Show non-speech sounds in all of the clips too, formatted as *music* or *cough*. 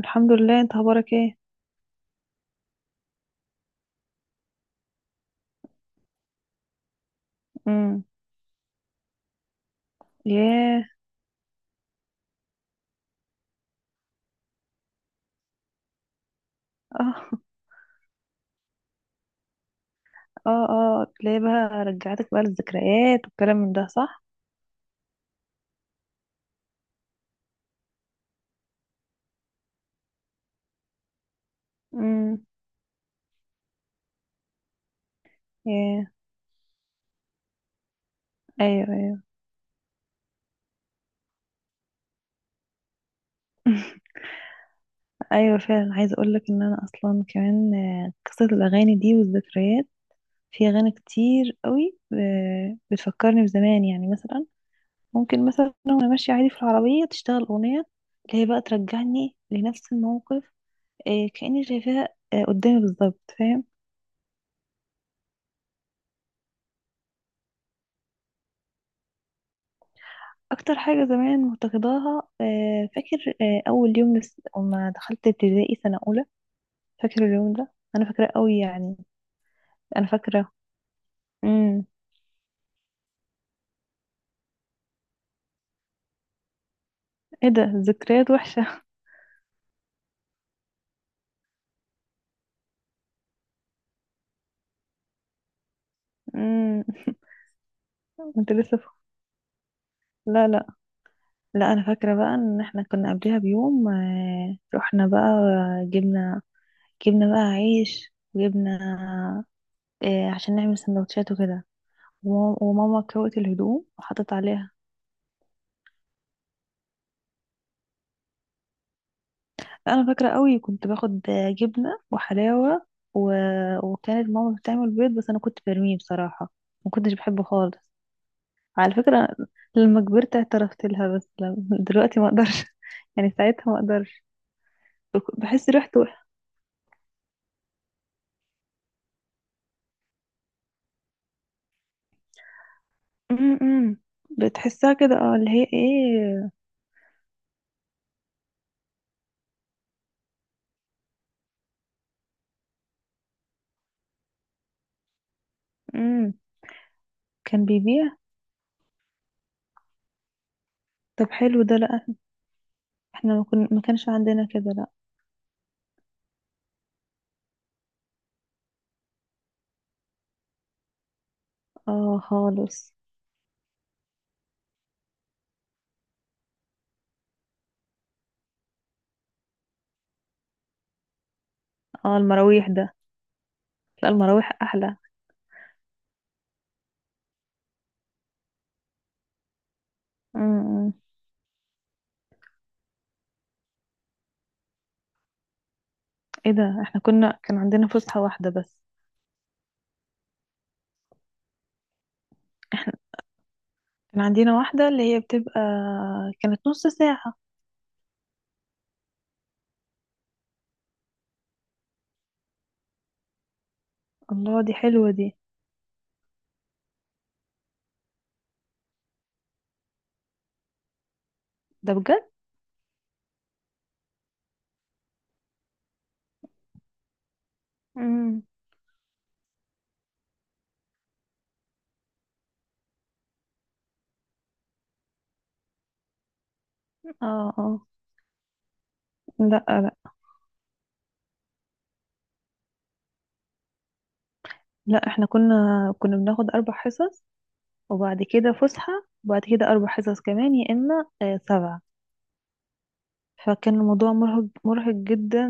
الحمد لله، انت اخبارك ايه؟ امم ياه اه اه اه تلاقي بقى رجعتك بقى للذكريات والكلام من ده، صح. امم ياه ايوه، ايوه. ايوه فعلا، عايزه اقول لك ان انا اصلا كمان، قصه الاغاني دي والذكريات. في اغاني كتير قوي بتفكرني بزمان، يعني مثلا ممكن مثلا وانا ماشيه عادي في العربيه تشتغل اغنيه اللي هي بقى ترجعني لنفس الموقف، كاني شايفاها قدامي بالظبط، فاهم. اكتر حاجه زمان مفتقداها، فاكر اول يوم لما دخلت ابتدائي سنه اولى. فاكر اليوم ده، انا فاكراه قوي يعني. انا فاكره. امم ايه ده ذكريات وحشه. امم *laughs* انت لسه. لا، لا انا فاكره بقى ان احنا كنا قبلها بيوم، رحنا بقى، جبنا جبنا بقى عيش وجبنا، عشان نعمل سندوتشات وكده. وماما كوت الهدوم وحطت عليها. انا فاكره قوي كنت باخد جبنه وحلاوه و... وكانت ماما بتعمل بيض، بس انا كنت برميه بصراحه، ما كنتش بحبه خالص على فكره. لما كبرت اعترفت لها، بس لم... دلوقتي ما اقدرش *laughs* يعني ساعتها ما اقدرش. بحس ريحته أم أم. بتحسها كده، اه اللي هي ايه. أم. كان بيبيع. طب حلو ده، لا. احنا ما كانش عندنا كده، لا. اه خالص. اه، المراويح ده. لا، المراويح احلى. أم أم. ايه ده؟ احنا كنا كان عندنا فسحة واحدة بس. كان عندنا واحدة اللي هي بتبقى كانت نص ساعة. الله، دي حلوة دي. ده بجد. امم اه اه لا، لا احنا كنا بناخد اربع حصص وبعد كده فسحة وبعد كده اربع حصص كمان، يا اما سبعة. فكان الموضوع مرهق، مرهق جدا.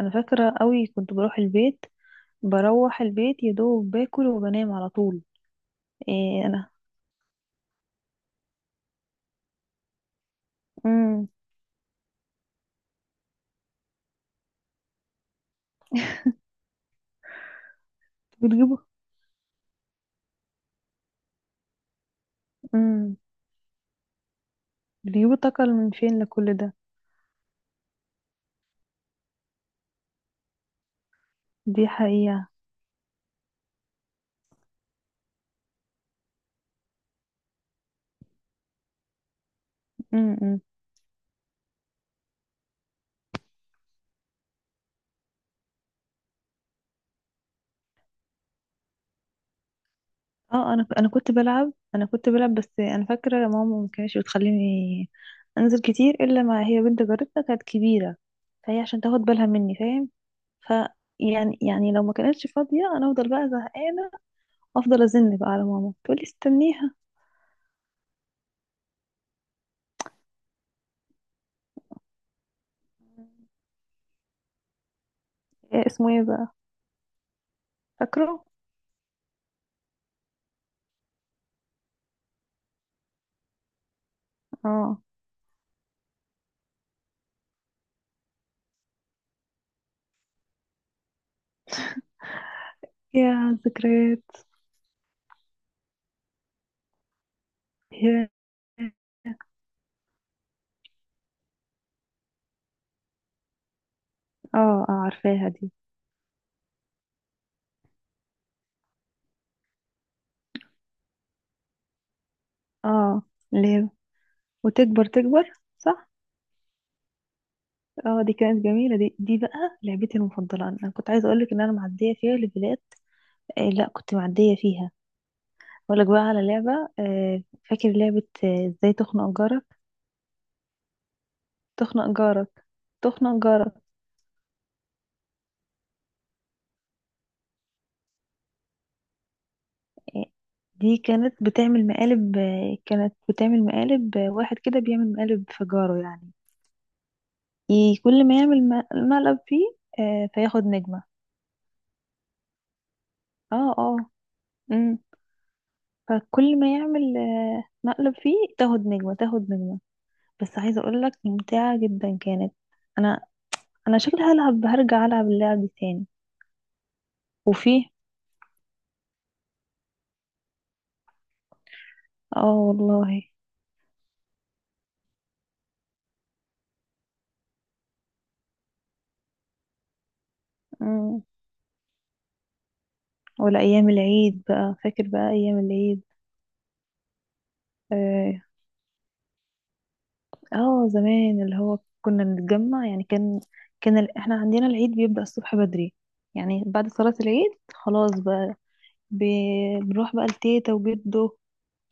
انا فاكرة قوي كنت بروح البيت، يا دوب باكل وبنام على طول. ايه؟ انا امم بتجيبوا امم بتجيبوا طاقة من فين لكل ده؟ دي حقيقة. أمم. اه انا كنت بلعب، كنت بلعب بس انا فاكرة ماما ما كانتش بتخليني انزل كتير، الا ما هي بنت جارتنا كانت كبيرة، فهي عشان تاخد بالها مني فاهم. ف، يعني لو ما كانتش فاضية انا افضل بقى زهقانة، افضل ازن بقى على ماما تقولي استنيها. إيه اسمه ايه بقى؟ فاكره. اه. يا ذكريات. يا اه، اه عارفاها دي. اه، ليه؟ وتكبر تكبر، صح. اه دي كانت جميلة دي، دي بقى لعبتي المفضلة. انا كنت عايزة اقولك ان انا معدية فيها ليفلات، آه. لا كنت معدية فيها. اقولك بقى على لعبة، آه فاكر لعبة، ازاي تخنق جارك تخنق جارك. آه، دي كانت بتعمل مقالب، آه كانت بتعمل مقالب، آه واحد كده بيعمل مقالب في جاره يعني، كل ما يعمل مقلب فيه. آه، فياخد نجمة. اه اه امم فكل ما يعمل آه مقلب فيه، تاخد نجمة، بس عايزة اقولك ممتعة جدا كانت. انا، انا شكلي هلعب، هرجع العب اللعب دي تاني. وفيه. اه والله. مم. ولا ايام العيد بقى، فاكر بقى ايام العيد؟ اه، زمان اللي هو كنا نتجمع يعني. كان، كان احنا عندنا العيد بيبدأ الصبح بدري، يعني بعد صلاة العيد خلاص بقى، بنروح بقى لتيتا وجده،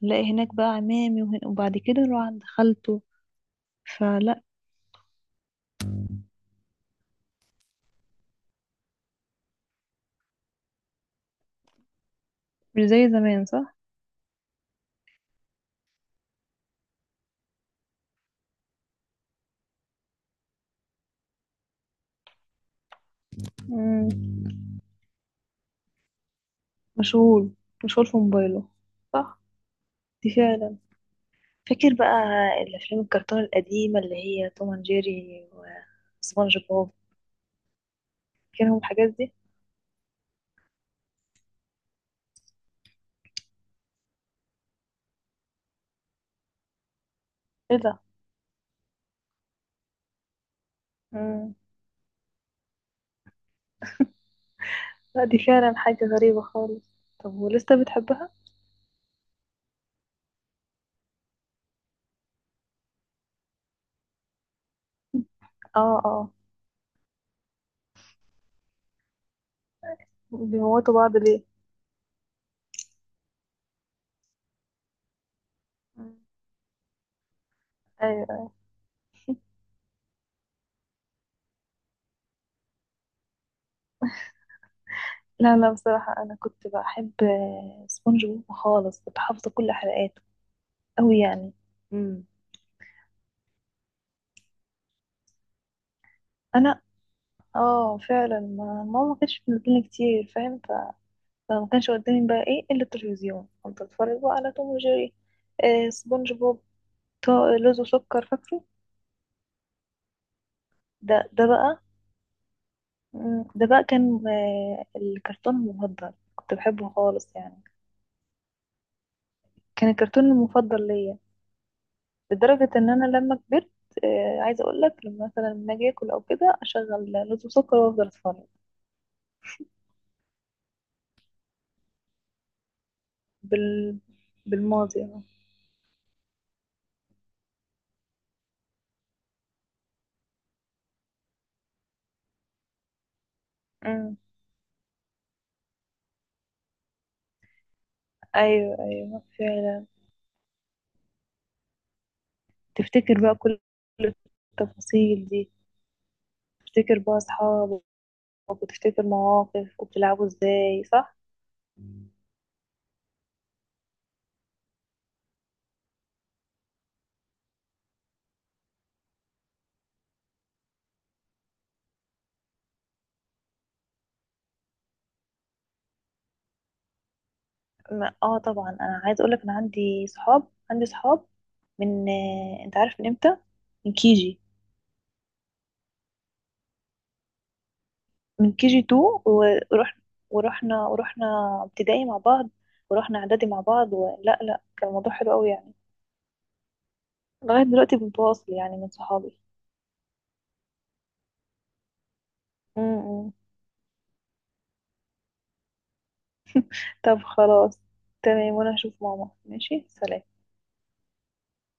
نلاقي هناك بقى عمامي وبعد كده نروح عند خالته. فلا، مش زي زمان صح؟ مم. مشغول. مشغول في موبايله. صح. دي فعلا. فاكر بقى الافلام الكرتون القديمه، اللي هي توم اند جيري وسبونج بوب؟ فاكرهم الحاجات دي؟ ايه ده؟ مم. لا دي فعلا حاجه غريبه خالص. طب ولسه بتحبها؟ اه بيموتوا بعض ليه؟ مم. ايوه. لا لا، بصراحه انا كنت بحب سبونج بوب خالص، كنت حافظه كل حلقاته قوي يعني. امم انا، اه فعلا، ما ماما ما كانتش بتنزلني كتير فاهم، فما كانش قدامي بقى ايه الا التلفزيون. كنت اتفرج بقى على توم وجيري، آه سبونج بوب، لوز وسكر، فاكره. ده، ده بقى مم، ده بقى كان آه الكرتون المفضل، كنت بحبه خالص يعني. كان الكرتون المفضل ليا لدرجة ان انا لما كبرت، آه عايزة اقول لك، لما مثلا لما اجي اكل او كده اشغل لوز وسكر وافضل اتفرج. بال... بالماضي يعني. مم، ايوه فعلا. تفتكر بقى كل التفاصيل دي؟ تفتكر بقى اصحابك، وبتفتكر مواقف، وبتلعبوا ازاي، صح. اه طبعا، انا عايز اقولك انا عندي صحاب، من آه، انت عارف من امتى؟ من كيجي. من كيجي 2، ورحنا، ورحنا ورحنا ابتدائي مع بعض، ورحنا اعدادي مع بعض، ولا لا كان الموضوع حلو قوي يعني. لغاية دلوقتي بنتواصل يعني، من صحابي. م- م. طب خلاص، تمام، وانا هشوف ماما، ماشي سلام.